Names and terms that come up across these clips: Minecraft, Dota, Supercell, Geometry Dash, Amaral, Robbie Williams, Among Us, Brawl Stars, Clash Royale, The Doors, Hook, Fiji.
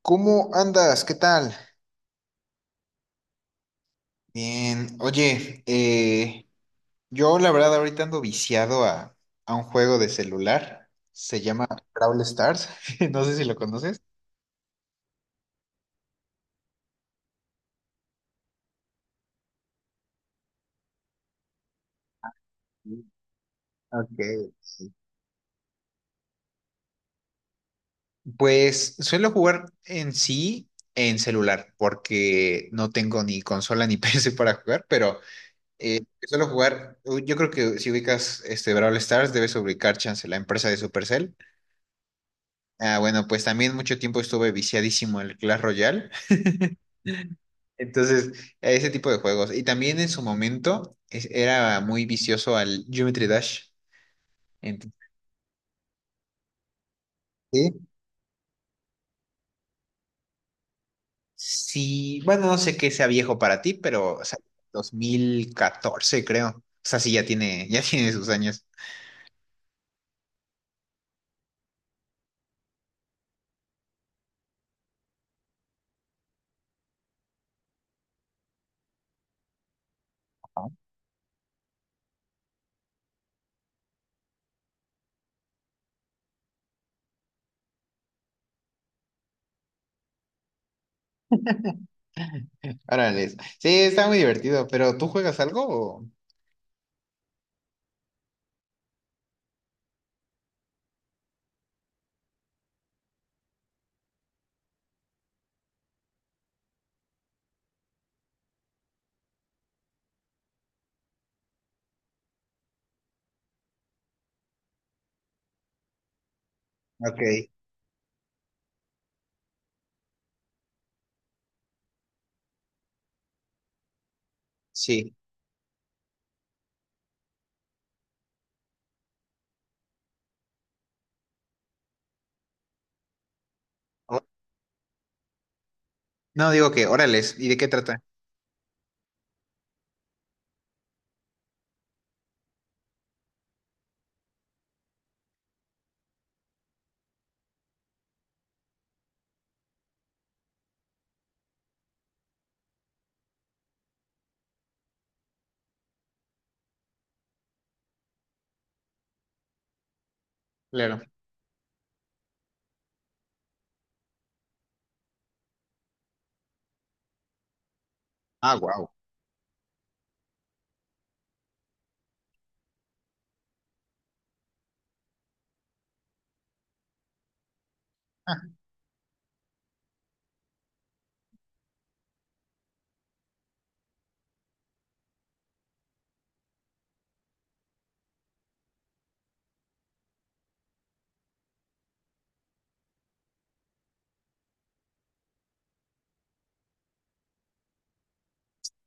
¿Cómo andas? ¿Qué tal? Bien. Oye, yo la verdad ahorita ando viciado a un juego de celular. Se llama Brawl Stars. No sé si lo conoces. Sí. Ok, sí. Pues suelo jugar en sí en celular, porque no tengo ni consola ni PC para jugar, pero eh, suelo jugar, yo creo que si ubicas este Brawl Stars, debes ubicar Chance, la empresa de Supercell. Ah, bueno, pues también mucho tiempo estuve viciadísimo al Clash Royale. Entonces, a ese tipo de juegos. Y también en su momento era muy vicioso al Geometry Dash. Entonces, sí, sí, bueno, no sé qué sea viejo para ti, pero o sea, 2014 creo. O sea, sí, ya tiene, ya tiene sus años. Ajá. Órale. Sí, está muy divertido, pero ¿tú juegas algo? ¿O? Ok, sí. O- No, digo que, órales, ¿y de qué trata? Claro. Ah, wow.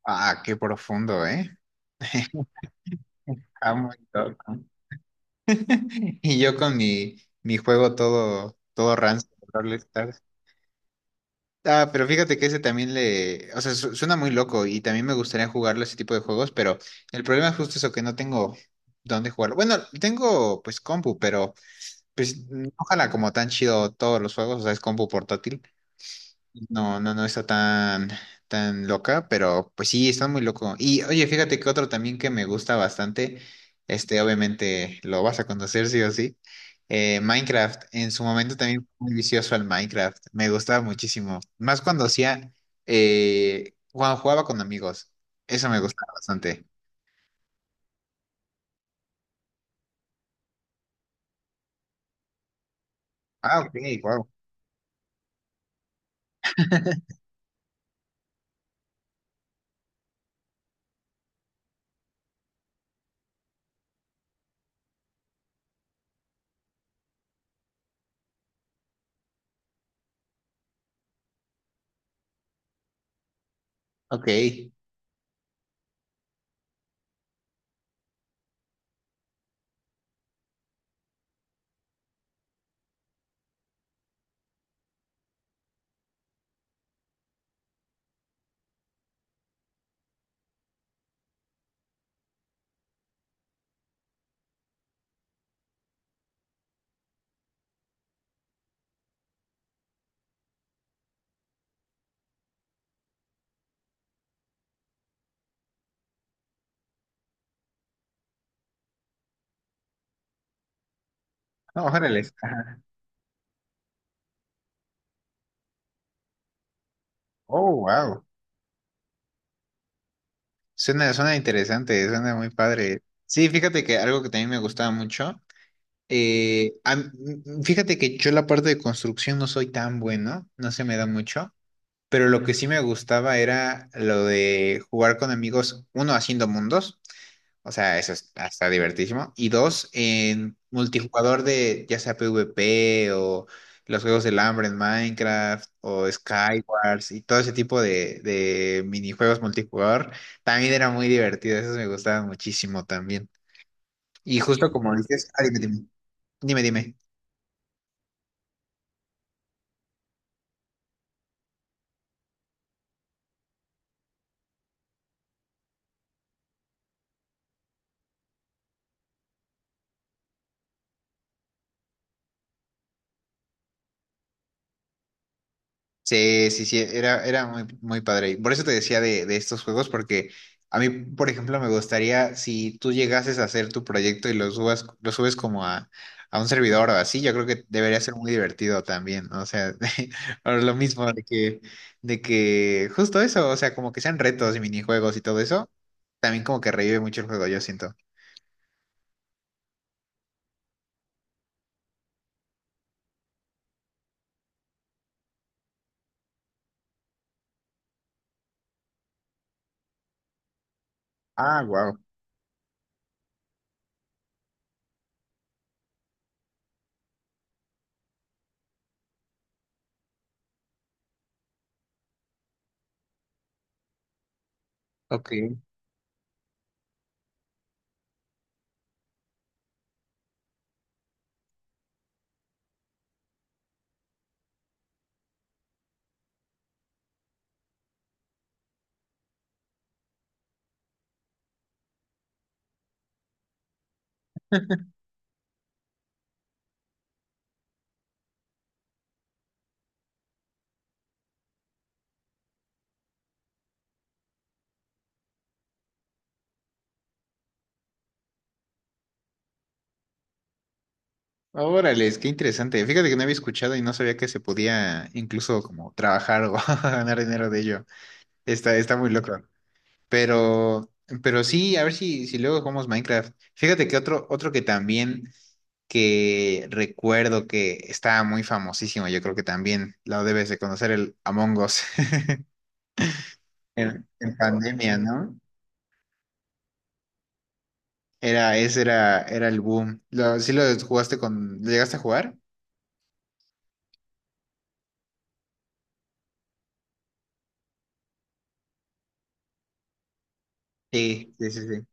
Ah, qué profundo, ¿eh? Amo el Dota. Y yo con mi juego todo rancio, Brawl Stars. Ah, pero fíjate que ese también le, o sea, suena muy loco y también me gustaría jugarlo ese tipo de juegos, pero el problema es justo eso, que no tengo dónde jugarlo. Bueno, tengo pues compu, pero pues no jala como tan chido todos los juegos, o sea, es compu portátil. No, no, no está tan, tan loca, pero pues sí, está muy loco. Y oye, fíjate que otro también que me gusta bastante, este, obviamente lo vas a conocer sí o sí, Minecraft. En su momento también fui muy vicioso al Minecraft, me gustaba muchísimo. Más cuando hacía, cuando jugaba con amigos, eso me gustaba bastante. Ah, ok, wow. Ok, no, órale. Oh, wow. Suena, suena interesante, suena muy padre. Sí, fíjate que algo que también me gustaba mucho. Eh, a m- fíjate que yo la parte de construcción no soy tan bueno, no se me da mucho, pero lo que sí me gustaba era lo de jugar con amigos, uno haciendo mundos, o sea, está divertísimo, y dos, en multijugador de ya sea PvP o los juegos del hambre en Minecraft o Skywars y todo ese tipo de minijuegos multijugador, también era muy divertido, esos me gustaban muchísimo también. Y justo como dices, ah, dime. Sí, sí, sí, era, era muy, muy padre. Y por eso te decía de estos juegos, porque a mí, por ejemplo, me gustaría si tú llegases a hacer tu proyecto y lo subas, lo subes como a un servidor o así, yo creo que debería ser muy divertido también, ¿no? O sea, por lo mismo de que justo eso, o sea, como que sean retos y minijuegos y todo eso, también como que revive mucho el juego, yo siento. Ah, wow. Ok. Órale, es que interesante. Fíjate que no había escuchado y no sabía que se podía incluso como trabajar o ganar dinero de ello. Está, está muy loco. Pero, pero sí, a ver si luego jugamos Minecraft. Fíjate que otro que también que recuerdo que estaba muy famosísimo, yo creo que también lo debes de conocer, el Among Us. En pandemia, ¿no? Era, ese era, era el boom. Lo, ¿sí lo jugaste con, lo llegaste a jugar? Sí, sí, sí, sí.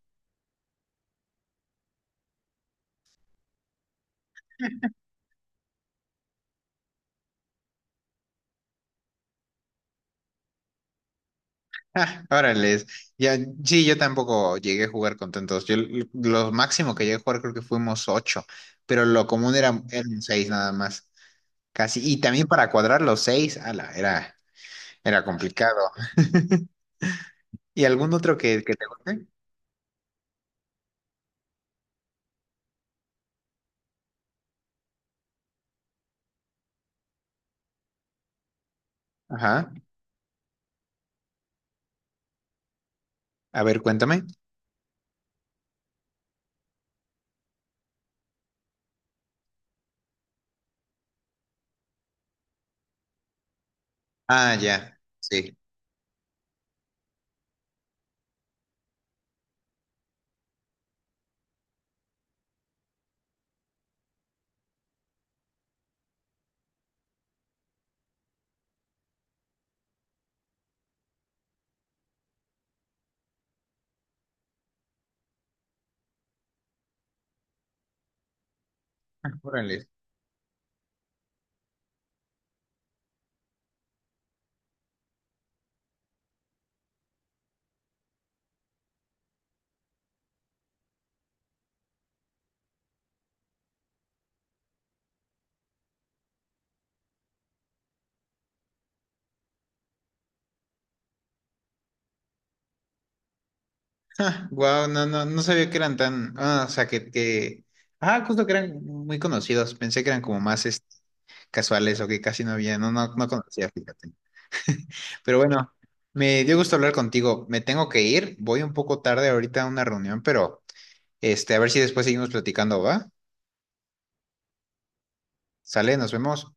Ah, órales. Ya, sí, yo tampoco llegué a jugar con tantos. Yo lo máximo que llegué a jugar creo que fuimos ocho, pero lo común era, eran seis nada más. Casi. Y también para cuadrar los seis, ala, era, era complicado. ¿Y algún otro que te guste? Ajá. A ver, cuéntame. Ah, ya. Sí. Órale. Wow, no, no, no sabía que eran tan. Ah, o sea que, que. Ah, justo que eran muy conocidos. Pensé que eran como más este, casuales o que casi no había. No, no, no conocía, fíjate. Pero bueno, me dio gusto hablar contigo. Me tengo que ir. Voy un poco tarde ahorita a una reunión, pero este, a ver si después seguimos platicando, ¿va? Sale, nos vemos.